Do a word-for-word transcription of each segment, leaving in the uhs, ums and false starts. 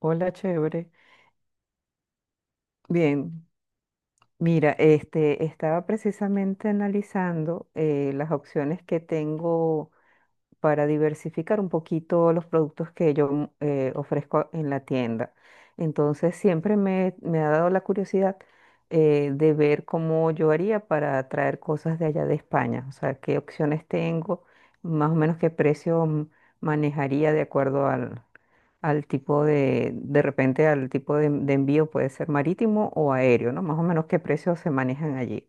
Hola, chévere. Bien, mira, este, estaba precisamente analizando eh, las opciones que tengo para diversificar un poquito los productos que yo mm, eh, ofrezco en la tienda. Entonces, siempre me, me ha dado la curiosidad eh, de ver cómo yo haría para traer cosas de allá de España, o sea, qué opciones tengo, más o menos qué precio mm, manejaría de acuerdo al, al tipo de, de repente al tipo de, de envío, puede ser marítimo o aéreo, ¿no? Más o menos qué precios se manejan allí.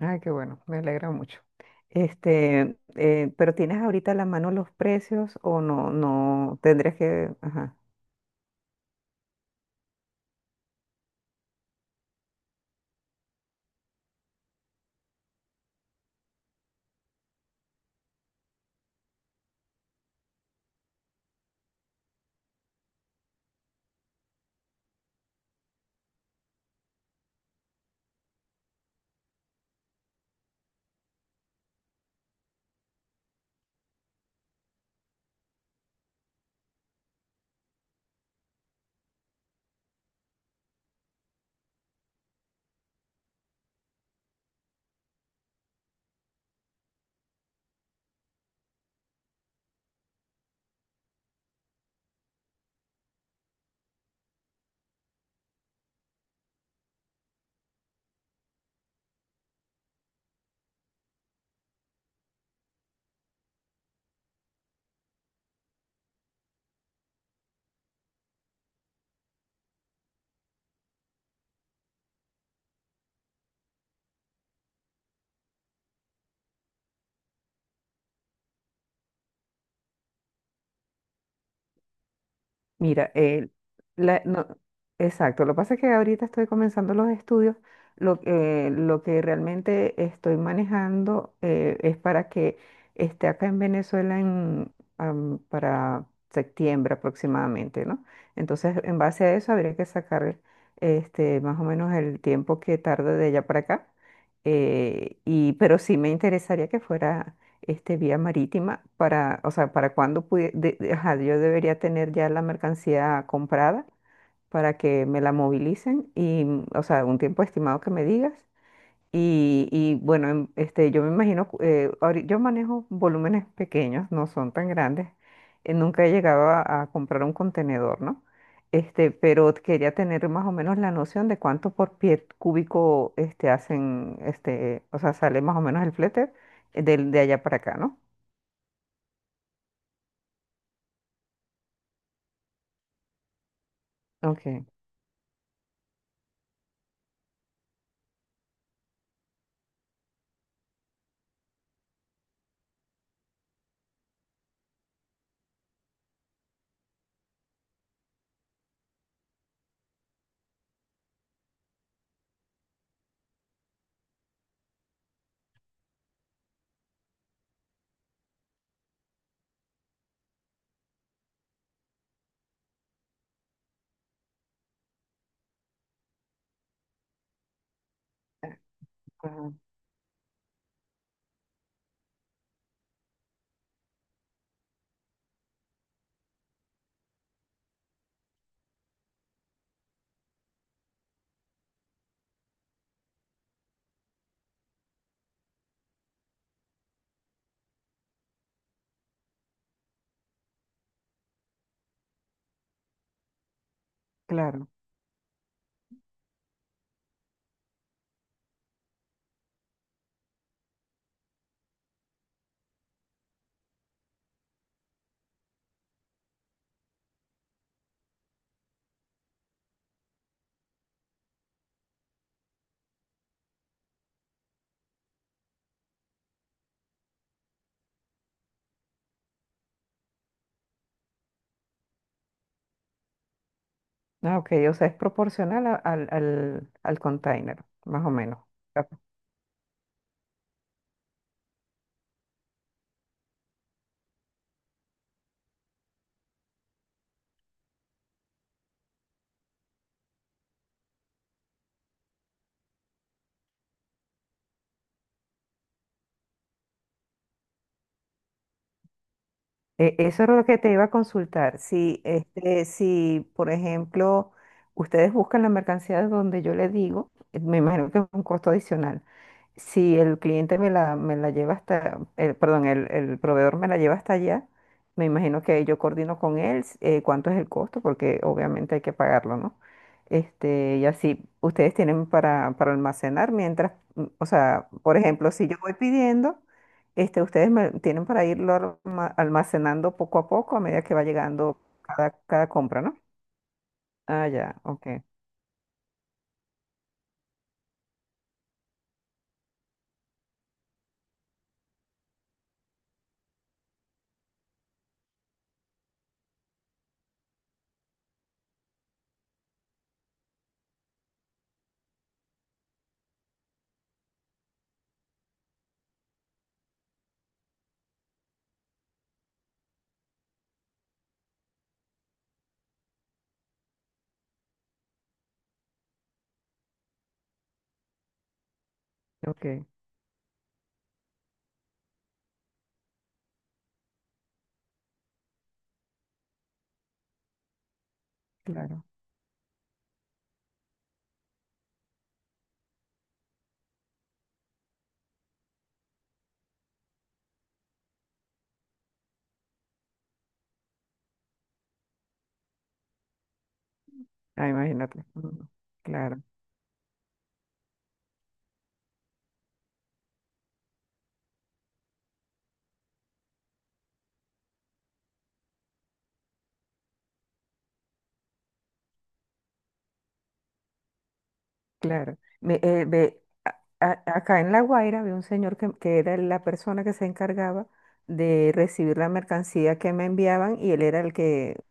Ay, qué bueno, me alegra mucho. Este, eh, pero ¿tienes ahorita a la mano los precios o no, no tendrías que, ajá? Mira, eh, la- no, exacto. Lo que pasa es que ahorita estoy comenzando los estudios. Lo, eh, lo que realmente estoy manejando eh, es para que esté acá en Venezuela en, am, para septiembre aproximadamente, ¿no? Entonces, en base a eso, habría que sacar este, más o menos el tiempo que tarda de allá para acá. Eh, y, pero sí me interesaría que fuera este, vía marítima para, o sea, para cuándo pudi- de- de- ajá, yo debería tener ya la mercancía comprada para que me la movilicen y, mm, o sea, un tiempo estimado que me digas. Y, y, bueno, em, este, yo me imagino, cu- eh, ahori- yo manejo volúmenes pequeños, no son tan grandes. Eh, nunca he llegado a, a comprar un contenedor, ¿no? Este, pero quería tener más o menos la noción de cuánto por pie cúbico este, hacen, este, o sea, sale más o menos el flete de, de allá para acá, ¿no? Ok, ajá, claro. Ah, ok, o sea, es proporcional a- al, al, al container, más o menos. E- Eso era lo que te iba a consultar. Si, este, si, por ejemplo, ustedes buscan la mercancía de donde yo le digo, eh, me imagino que es un costo adicional. Si el cliente me la, me la lleva hasta, el, perdón, el, el proveedor me la lleva hasta allá, me imagino que yo coordino con él s- eh, cuánto es el costo, porque obviamente hay que pagarlo, ¿no? Este, y así ustedes tienen para, para almacenar mientras, mm, o sea, por ejemplo, si yo voy pidiendo. Este, ustedes me- tienen para irlo arma- almacenando poco a poco a medida que va llegando cada, cada compra, ¿no? Ah, ya, ok, ok, claro. Ah, imagínate. Ujú. Claro, claro. Me- eh, ve, a- a- acá en La Guaira había un señor que, que era la persona que se encargaba de recibir la mercancía que me enviaban y él era el que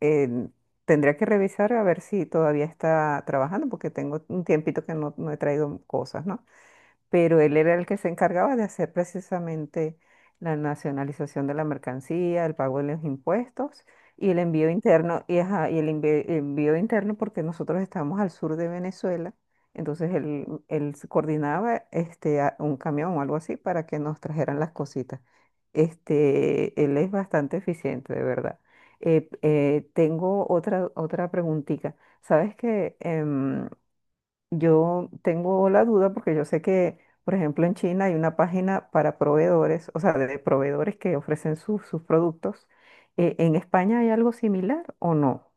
eh, tendría que revisar a ver si todavía está trabajando porque tengo un tiempito que no, no he traído cosas, ¿no? Pero él era el que se encargaba de hacer precisamente la nacionalización de la mercancía, el pago de los impuestos y el envío interno, y, ajá, y el envi- envío interno porque nosotros estábamos al sur de Venezuela, entonces él, él se coordinaba este, a- un camión o algo así para que nos trajeran las cositas. Este, él es bastante eficiente, de verdad. Eh, eh, tengo otra, otra preguntita. ¿Sabes que yo tengo la duda porque yo sé que, por ejemplo, en China hay una página para proveedores, o sea, de de proveedores que ofrecen sus sus productos? Eh, ¿en España hay algo similar o no?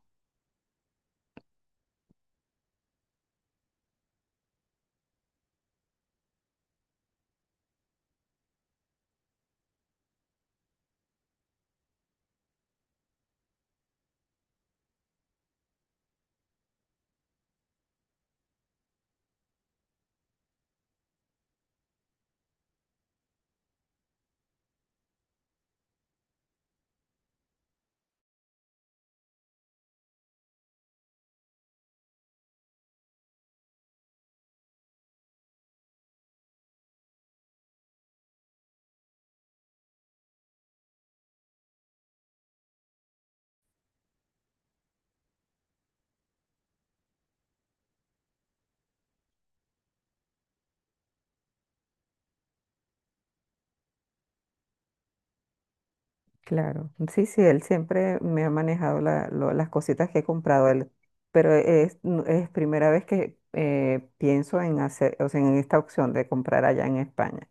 Claro, sí, sí, él siempre me ha manejado la- lo- las cositas que he comprado él, pero es, no- es primera vez que eh, pienso en hacer, o sea, en esta opción de comprar allá en España.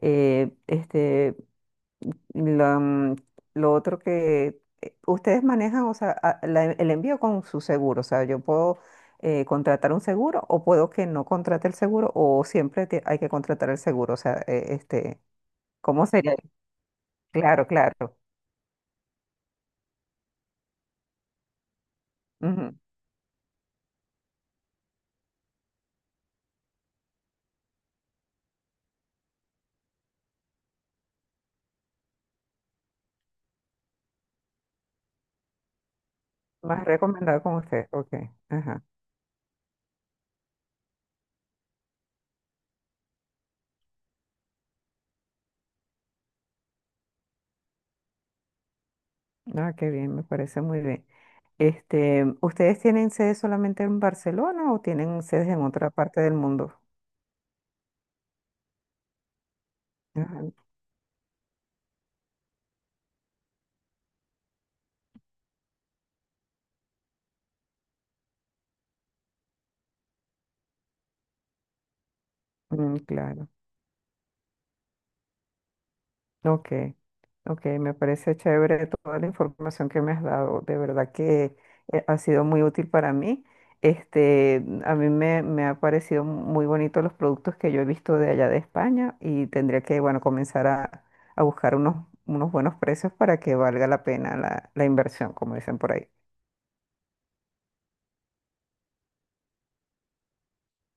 Eh, este, La, mm, lo otro que eh, ustedes manejan, o sea, a- la- el envío con su seguro, o sea, yo puedo eh, contratar un seguro o puedo que no contrate el seguro o siempre te- hay que contratar el seguro, o sea, eh, este, ¿cómo sería? Claro, claro. Ujú. Más recomendado con usted, ok. Ajá. Ah, qué bien, me parece muy bien. Este, ¿ustedes tienen sede solamente en Barcelona o tienen sedes en otra parte del mundo? Ajá, mm, claro. Ok, ok, me parece chévere toda la información que me has dado. De verdad que eh, ha sido muy útil para mí. Este, a mí me, me ha parecido muy bonito los productos que yo he visto de allá de España y tendría que, bueno, comenzar a, a buscar unos, unos buenos precios para que valga la pena la, la inversión, como dicen por ahí.